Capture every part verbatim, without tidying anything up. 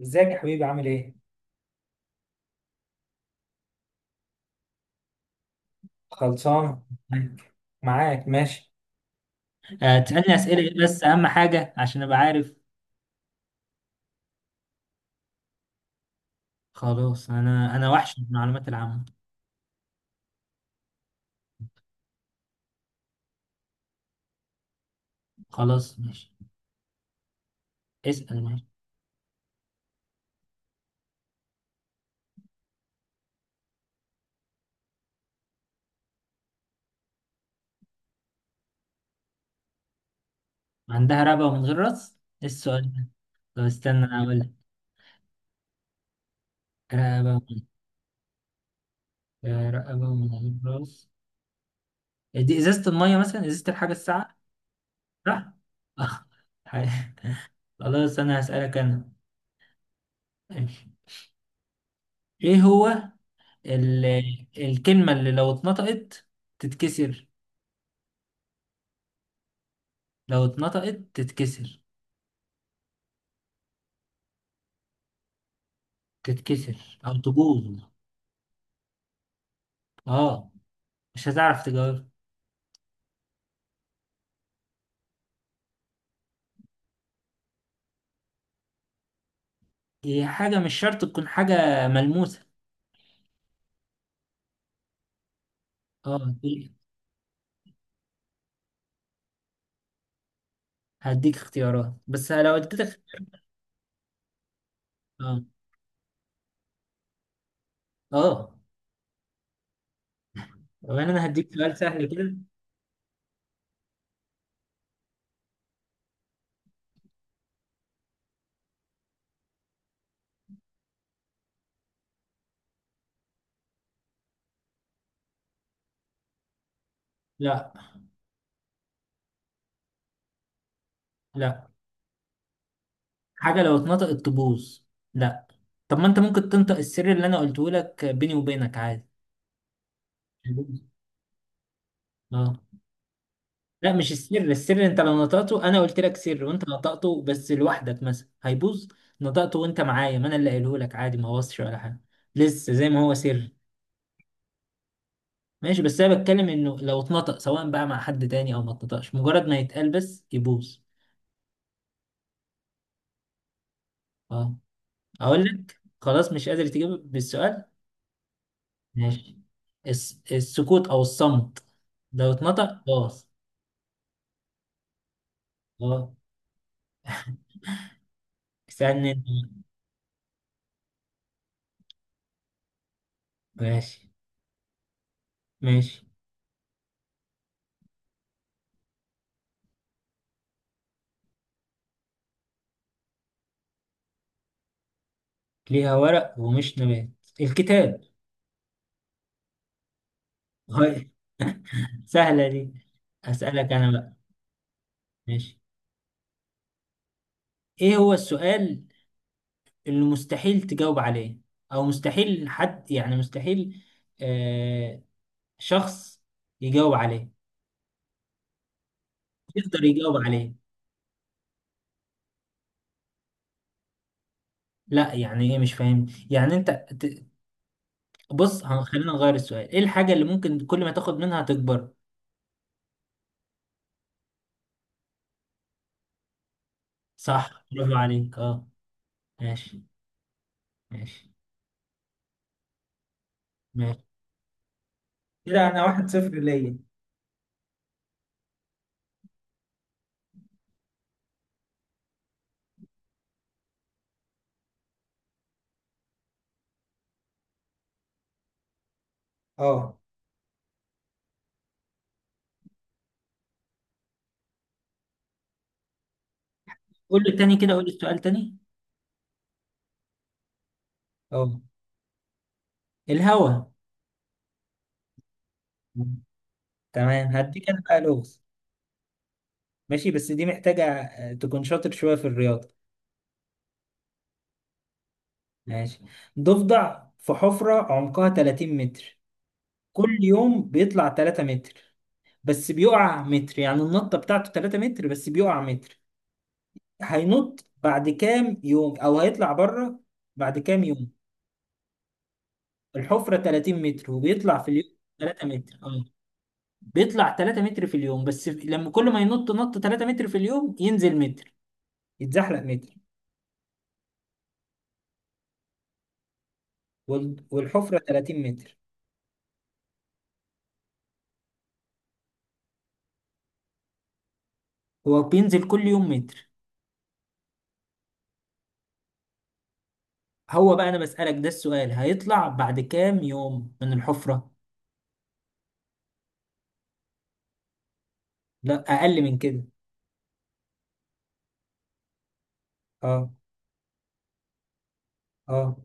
ازيك يا حبيبي عامل ايه؟ خلصان. معاك. معاك، ماشي. آه، تسألني أسئلة إيه بس أهم حاجة عشان أبقى عارف. خلاص أنا أنا وحش من المعلومات العامة. خلاص ماشي. اسأل ماشي. عندها رقبة ومن غير راس؟ إيه السؤال ده؟ طب استنى أنا أقول لك. رقبة ومن- آه، رقبة ومن غير راس، دي إزازة المية مثلا، إزازة الحاجة الساقعة. صح؟ آه. حي- خلاص أنا هسألك أنا. ماشي. إيه هو ال... الكلمة اللي لو اتنطقت تتكسر؟ لو اتنطقت تتكسر. تتكسر او تبوظ. اه، مش هتعرف تجاوب. هي حاجة مش شرط تكون حاجة ملموسة. اه هديك. هديك اختيارات بس لو اديتك. اه. اه. وانا انا هديك سؤال سهل كده. لا لا، حاجة لو اتنطقت تبوظ. لا. طب ما انت ممكن تنطق السر اللي انا قلته لك بيني وبينك عادي. اه. لا مش السر، السر انت لو نطقته، انا قلت لك سر وانت نطقته بس لوحدك مثلا هيبوظ. نطقته وانت معايا ما انا اللي قايله لك عادي، ما بوظش ولا حاجه، لسه زي ما هو سر. ماشي، بس انا بتكلم انه لو اتنطق سواء بقى مع حد تاني او ما اتنطقش، مجرد ما يتقال بس يبوظ. اه. اقول لك خلاص مش قادر تجيب بالسؤال. ماشي. الس... السكوت او الصمت لو اتنطق باظ. اه. اسالني انت. ماشي. ماشي. ليها ورق ومش نبات؟ الكتاب. سهلة دي. هسألك أنا بقى. ماشي. إيه هو السؤال اللي مستحيل تجاوب عليه، أو مستحيل حد، يعني مستحيل، آه، شخص يجاوب عليه، يقدر يجاوب عليه. لا يعني إيه، مش فاهم، يعني أنت ت- بص هن- خلينا نغير السؤال. إيه الحاجة اللي ممكن كل ما تاخد منها تكبر؟ صح، برافو عليك، أه. ماشي. ماشي. ماشي. كده أنا واحد صفر ليا. أه، قول لي تاني كده، قول لي السؤال تاني. أه، الهوا. تمام. هديك انا بقى لغز. ماشي، بس دي محتاجة آه، تكون شاطر شوية في الرياضة. ماشي. ضفدع في حفرة عمقها 30 متر. كل يوم بيطلع 3 متر بس بيقع متر. يعني النطة بتاعته 3 متر بس بيقع متر. هينط بعد كام يوم او هيطلع بره؟ بعد كام يوم؟ الحفرة 30 متر وبيطلع في اليوم 3 متر، اه. بيطلع 3 متر في اليوم، بس لما كل ما ينط نط 3 متر في اليوم ينزل متر، يتزحلق متر. وال- والحفرة 30 متر. هو بينزل كل يوم متر. هو بقى انا بسألك، ده السؤال، هيطلع بعد كام يوم من الحفرة. لا، اقل من كده. اه. اه.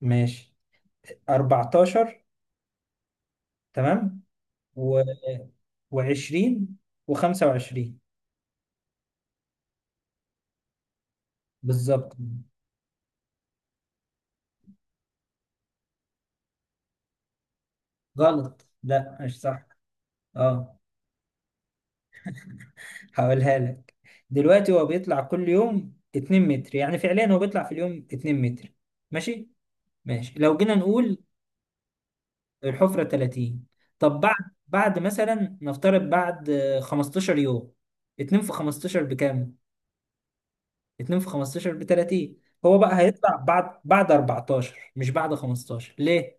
ماشي، اربعتاشر، تمام، و، و20، و25. بالظبط. غلط، لا مش صح. اه. هقولها لك. دلوقتي هو بيطلع كل يوم 2 متر، يعني فعليا هو بيطلع في اليوم 2 متر. ماشي. ماشي، لو جينا نقول الحفرة ثلاثين. طب بعد بعد مثلا، نفترض بعد آه، 15 يوم. اتنين في خمستاشر بكام؟ اتنين في خمسة عشر ب ثلاثين. هو بقى هيطلع بعد بعد اربعتاشر، مش بعد خمستاشر، ليه؟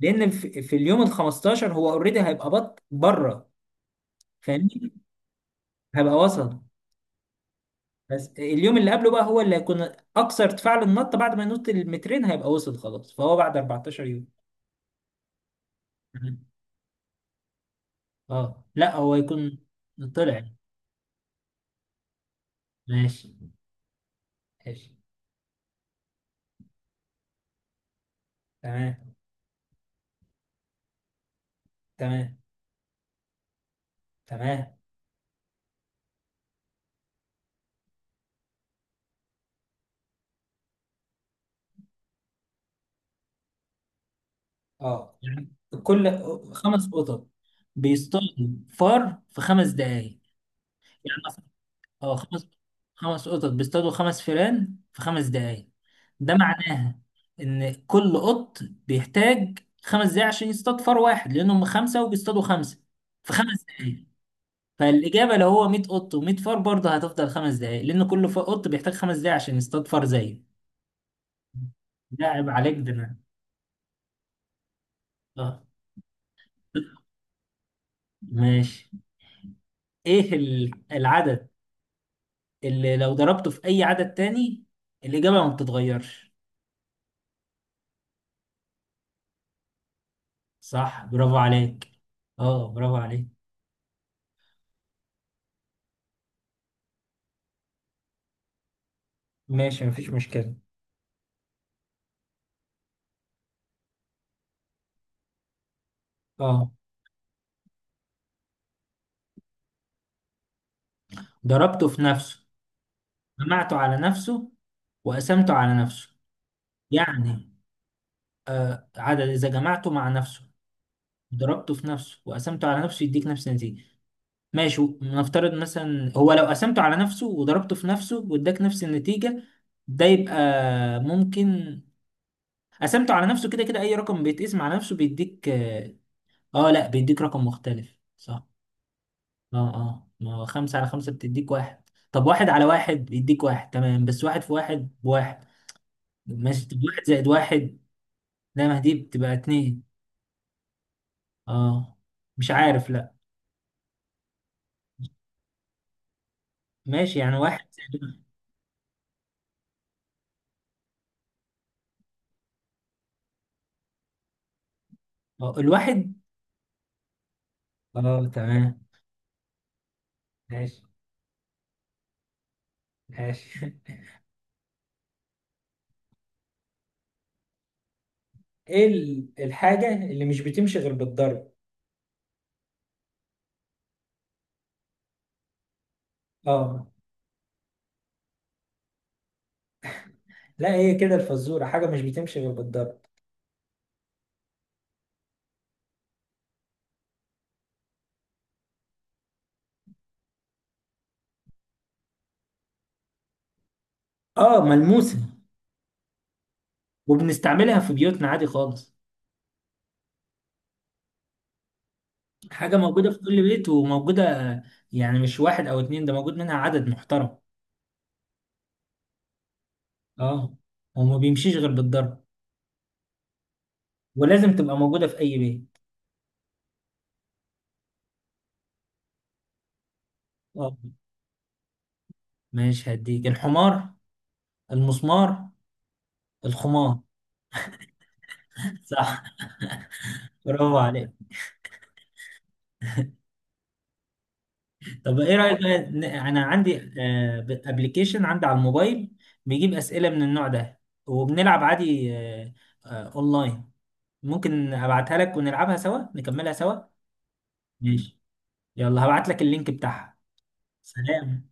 لأن في, في اليوم ال خمستاشر هو اوريدي هيبقى بط بره، فاهمني؟ هيبقى وصل. بس اليوم اللي قبله بقى هو اللي هيكون أكثر ارتفاع للنط، بعد ما ينط المترين هيبقى وصل خلاص، فهو بعد 14 يوم. تمام. اه لا، هو يكون طلع. ماشي. ماشي. تمام. تمام. تمام. اه. يعني كل خمس قطط بيصطادوا فار في خمس دقايق، يعني مثلا، اه خمس، خمس قطط بيصطادوا خمس فئران في خمس دقايق. ده معناها ان كل قط بيحتاج خمس دقايق عشان يصطاد فار واحد، لانهم خمسه وبيصطادوا خمسه في خمس دقايق. فالاجابه لو هو 100 قط و100 فار، برضه هتفضل خمس دقايق، لان كل ف- قط بيحتاج خمس دقايق عشان يصطاد فار زيه. ده عيب عليك، ده أنا- اه. ماشي. ايه ال- العدد اللي لو ضربته في اي عدد تاني الاجابه ما بتتغيرش؟ صح، برافو عليك. اه، برافو عليك. ماشي، مفيش مشكله. اه. ضربته في نفسه، جمعته على نفسه، وقسمته على نفسه. يعني عدد اذا جمعته مع نفسه، ضربته في نفسه، وقسمته على نفسه، يديك نفس النتيجه. ماشي، نفترض مثلا هو لو قسمته على نفسه وضربته في نفسه واداك نفس النتيجه، ده يبقى ممكن. قسمته على نفسه، كده كده اي رقم بيتقسم على نفسه بيديك اه، آه، لا، بيديك رقم مختلف صح. اه، اه، ما هو خمسة على خمسة بتديك واحد. طب واحد على واحد بيديك واحد، تمام، بس واحد في واحد بواحد. ماشي، طب واحد زائد واحد، لا، ما دي بتبقى اتنين. اه. مش عارف، لا. ماشي، يعني واحد. آه، الواحد. اه تمام. ماشي. ماشي. ايه ال- الحاجة اللي مش بتمشي غير بالضرب؟ اه لا، هي كده الفزورة، حاجة مش بتمشي غير بالضرب. اه، ملموسة. وبنستعملها في بيوتنا عادي خالص. حاجة موجودة في كل بيت، وموجودة. يعني مش واحد أو اتنين، ده موجود منها عدد محترم. اه. وما بيمشيش غير بالضرب. ولازم تبقى موجودة في أي بيت. اه. ماشي، هديك، الحمار، المسمار، الخمار. صح، برافو عليك. طب إيه رأيك بقى، ن- أنا عندي أبلكيشن عندي على الموبايل بيجيب أسئلة من النوع ده وبنلعب عادي آه، آه، أونلاين. ممكن أبعتها لك ونلعبها سوا، نكملها سوا. ماشي، يلا هبعت لك اللينك بتاعها. سلام.